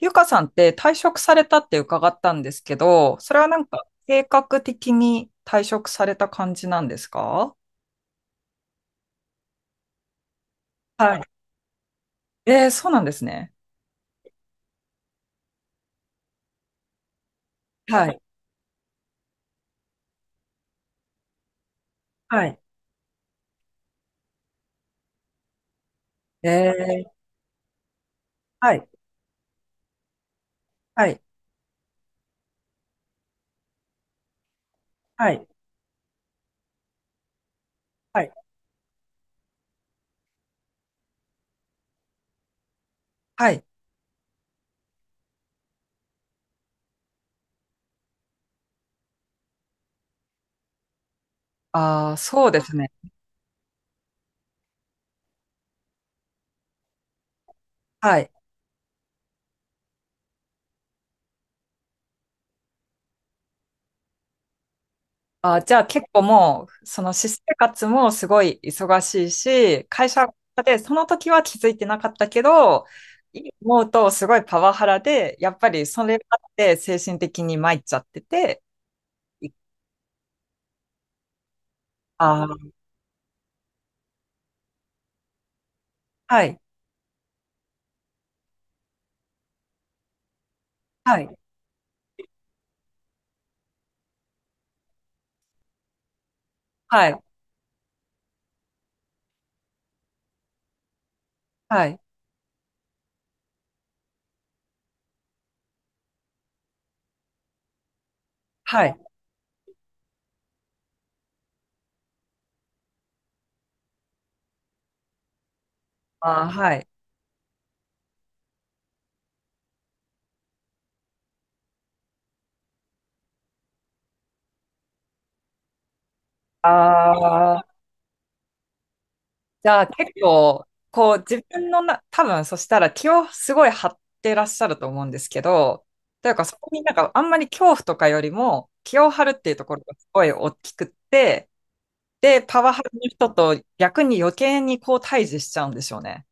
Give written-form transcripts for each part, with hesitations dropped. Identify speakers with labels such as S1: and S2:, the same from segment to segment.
S1: ゆかさんって退職されたって伺ったんですけど、それはなんか計画的に退職された感じなんですか？はい。そうなんですね。はい。はい。えー。はい。はい。はい。はい。はい。ああ、そうですね。はい。あー、じゃあ結構もう、その私生活もすごい忙しいし、会社でその時は気づいてなかったけど、今思うとすごいパワハラで、やっぱりそれがあって精神的に参っちゃってて、ああ。はい。はい。はい。はい。はい。ああ、はい。ああ、じゃあ結構、こう自分のな、多分そしたら気をすごい張ってらっしゃると思うんですけど、というかそこになんかあんまり恐怖とかよりも気を張るっていうところがすごい大きくって、で、パワハラの人と逆に余計にこう対峙しちゃうんでしょうね。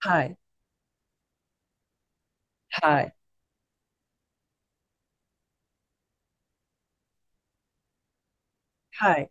S1: はい。はい。はい。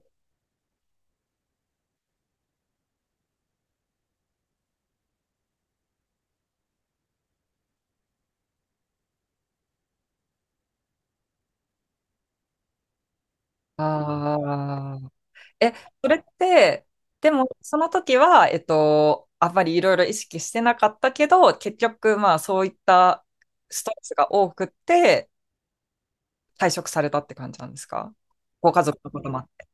S1: ああ。え、それって、でも、その時は、あんまりいろいろ意識してなかったけど、結局、まあ、そういったストレスが多くって、退職されたって感じなんですか？ご家族のこともあって。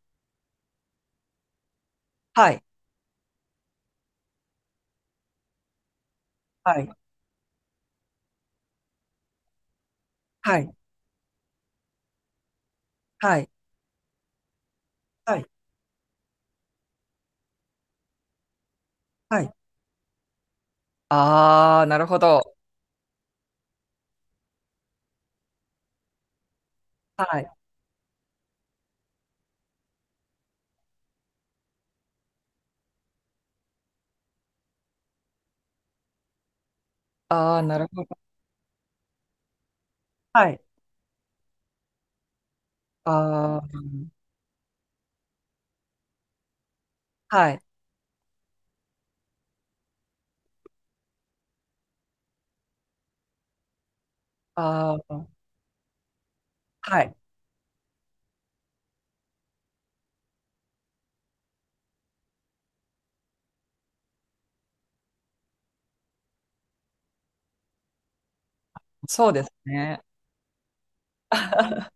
S1: はい。はい。はい。はい。はい。はい。ああ、なるほど。はい。ああ、なるほど。はい。ああ、はい。ああ、はい。そうですね。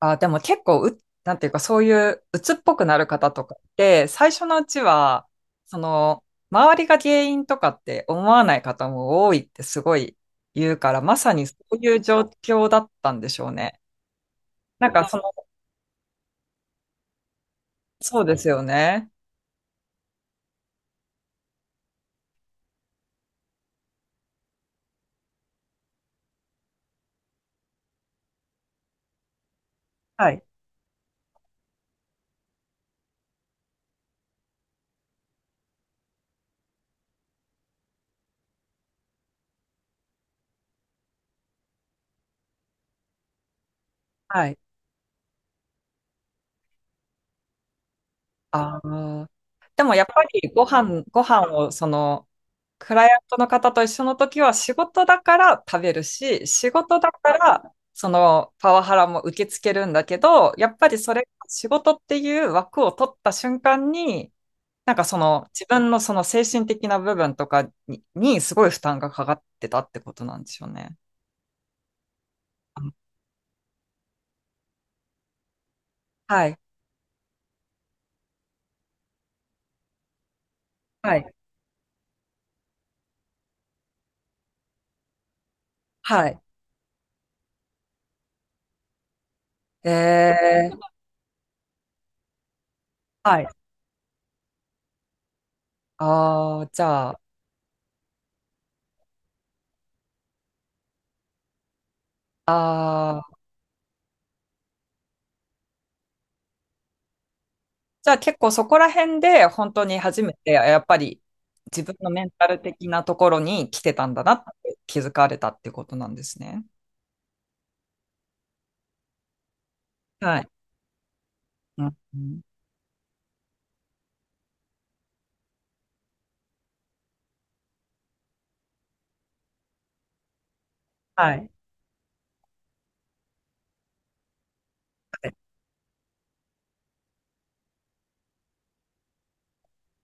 S1: あ、でも結構う、なんていうか、そういう鬱っぽくなる方とかって、最初のうちは、その、周りが原因とかって思わない方も多いってすごい言うから、まさにそういう状況だったんでしょうね。なんか、その、そうですよね。はい。はい。ああ。でもやっぱりご飯、ご飯をその、クライアントの方と一緒の時は仕事だから食べるし、仕事だからそのパワハラも受け付けるんだけど、やっぱりそれが仕事っていう枠を取った瞬間に、なんかその自分のその精神的な部分とかに、にすごい負担がかかってたってことなんでしょうね。はい。はい。はい。えー。はい。ああ、じゃあ、ああ、じゃあ結構そこら辺で本当に初めてやっぱり自分のメンタル的なところに来てたんだなって気づかれたってことなんですね。はい。うんうん。はい。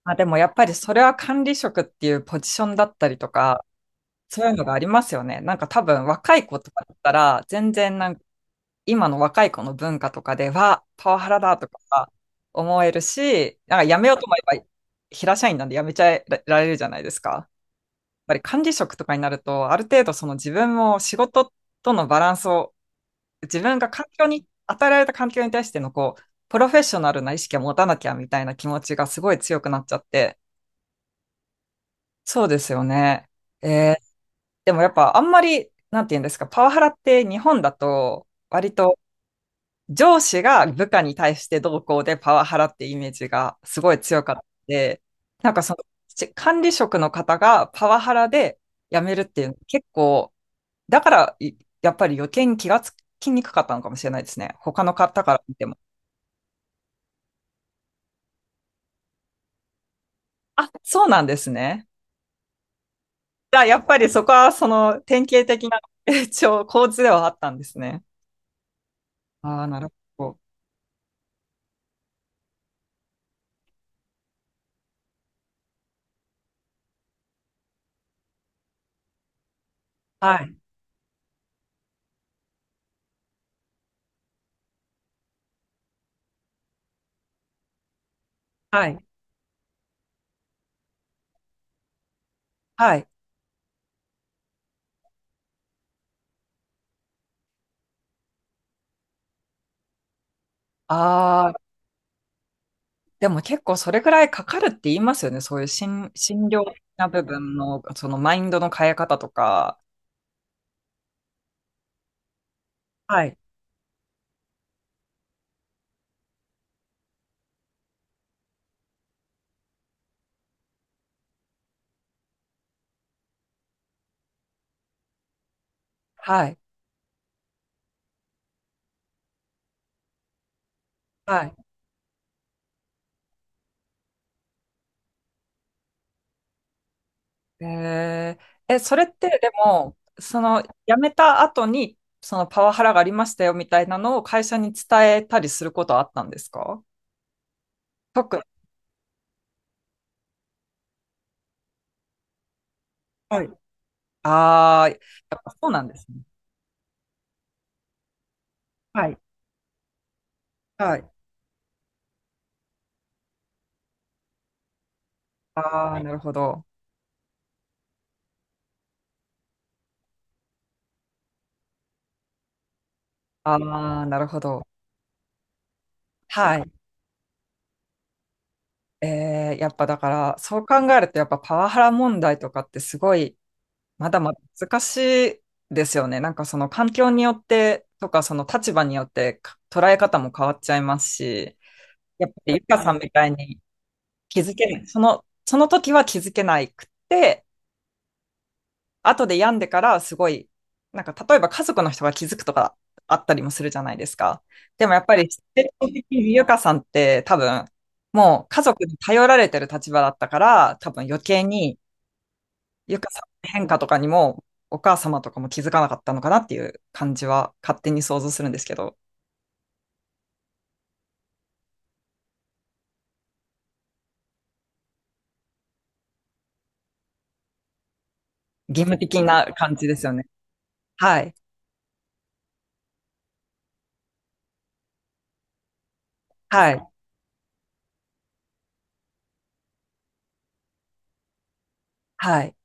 S1: まあでもやっぱりそれは管理職っていうポジションだったりとか、そういうのがありますよね。なんか多分若い子とかだったら、全然なんか今の若い子の文化とかでは、パワハラだとか思えるし、なんかやめようと思えば、平社員なんでやめちゃえられるじゃないですか。ぱり管理職とかになると、ある程度その自分も仕事とのバランスを、自分が環境に、与えられた環境に対してのこう、プロフェッショナルな意識を持たなきゃみたいな気持ちがすごい強くなっちゃって。そうですよね。えー。でもやっぱあんまり、なんて言うんですか、パワハラって日本だと、割と上司が部下に対してどうこうでパワハラってイメージがすごい強かったので、なんかその、ち管理職の方がパワハラで辞めるっていうの結構だから、いやっぱり余計に気がつきにくかったのかもしれないですね。他の方から見ても。あ、そうなんですね。じゃあ、やっぱりそこは、その、典型的な、一応、構図ではあったんですね。ああ、なるほど。はい。はい。はい。ああ、でも結構それくらいかかるって言いますよね。そういう心、心療的な部分の、そのマインドの変え方とか。はい。はい。はい。えー、え、それってでも、その辞めた後に、そのパワハラがありましたよみたいなのを会社に伝えたりすることはあったんですか？特に。はい。ああ、やっぱそうなんですね。はい。はい。ああ、なるほど。ああ、なるほど。はい。えー、やっぱだから、そう考えると、やっぱパワハラ問題とかってすごい、まだまだ難しいですよね。なんかその環境によってとか、その立場によってか捉え方も変わっちゃいますし。やっぱりゆかさんみたいに気づけない。その、その時は気づけないくって、後で病んでからすごい、なんか例えば家族の人が気づくとかあったりもするじゃないですか。でもやっぱり、ステ的にゆかさんって多分、もう家族に頼られてる立場だったから、多分余計にゆかさんの変化とかにも、お母様とかも気づかなかったのかなっていう感じは勝手に想像するんですけど、義務的な感じですよね。はい。はい。はい。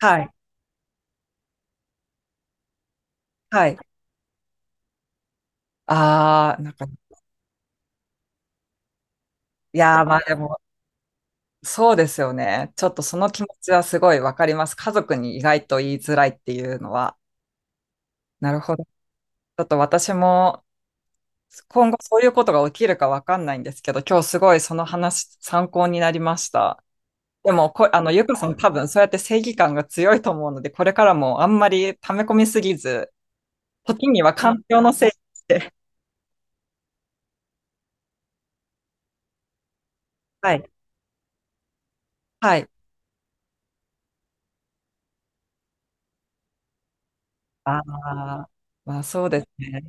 S1: はい。はい。ああ、なんか、いやー、まあでも、そうですよね。ちょっとその気持ちはすごいわかります。家族に意外と言いづらいっていうのは。なるほど。ちょっと私も今後そういうことが起きるかわかんないんですけど、今日すごいその話参考になりました。でもこ、あの、ゆかさん多分そうやって正義感が強いと思うので、これからもあんまり溜め込みすぎず、時には環境のせいにして。はい。はい。ああ、まあそうですね。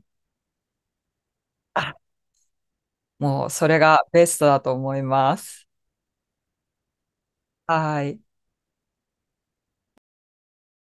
S1: もうそれがベストだと思います。はい。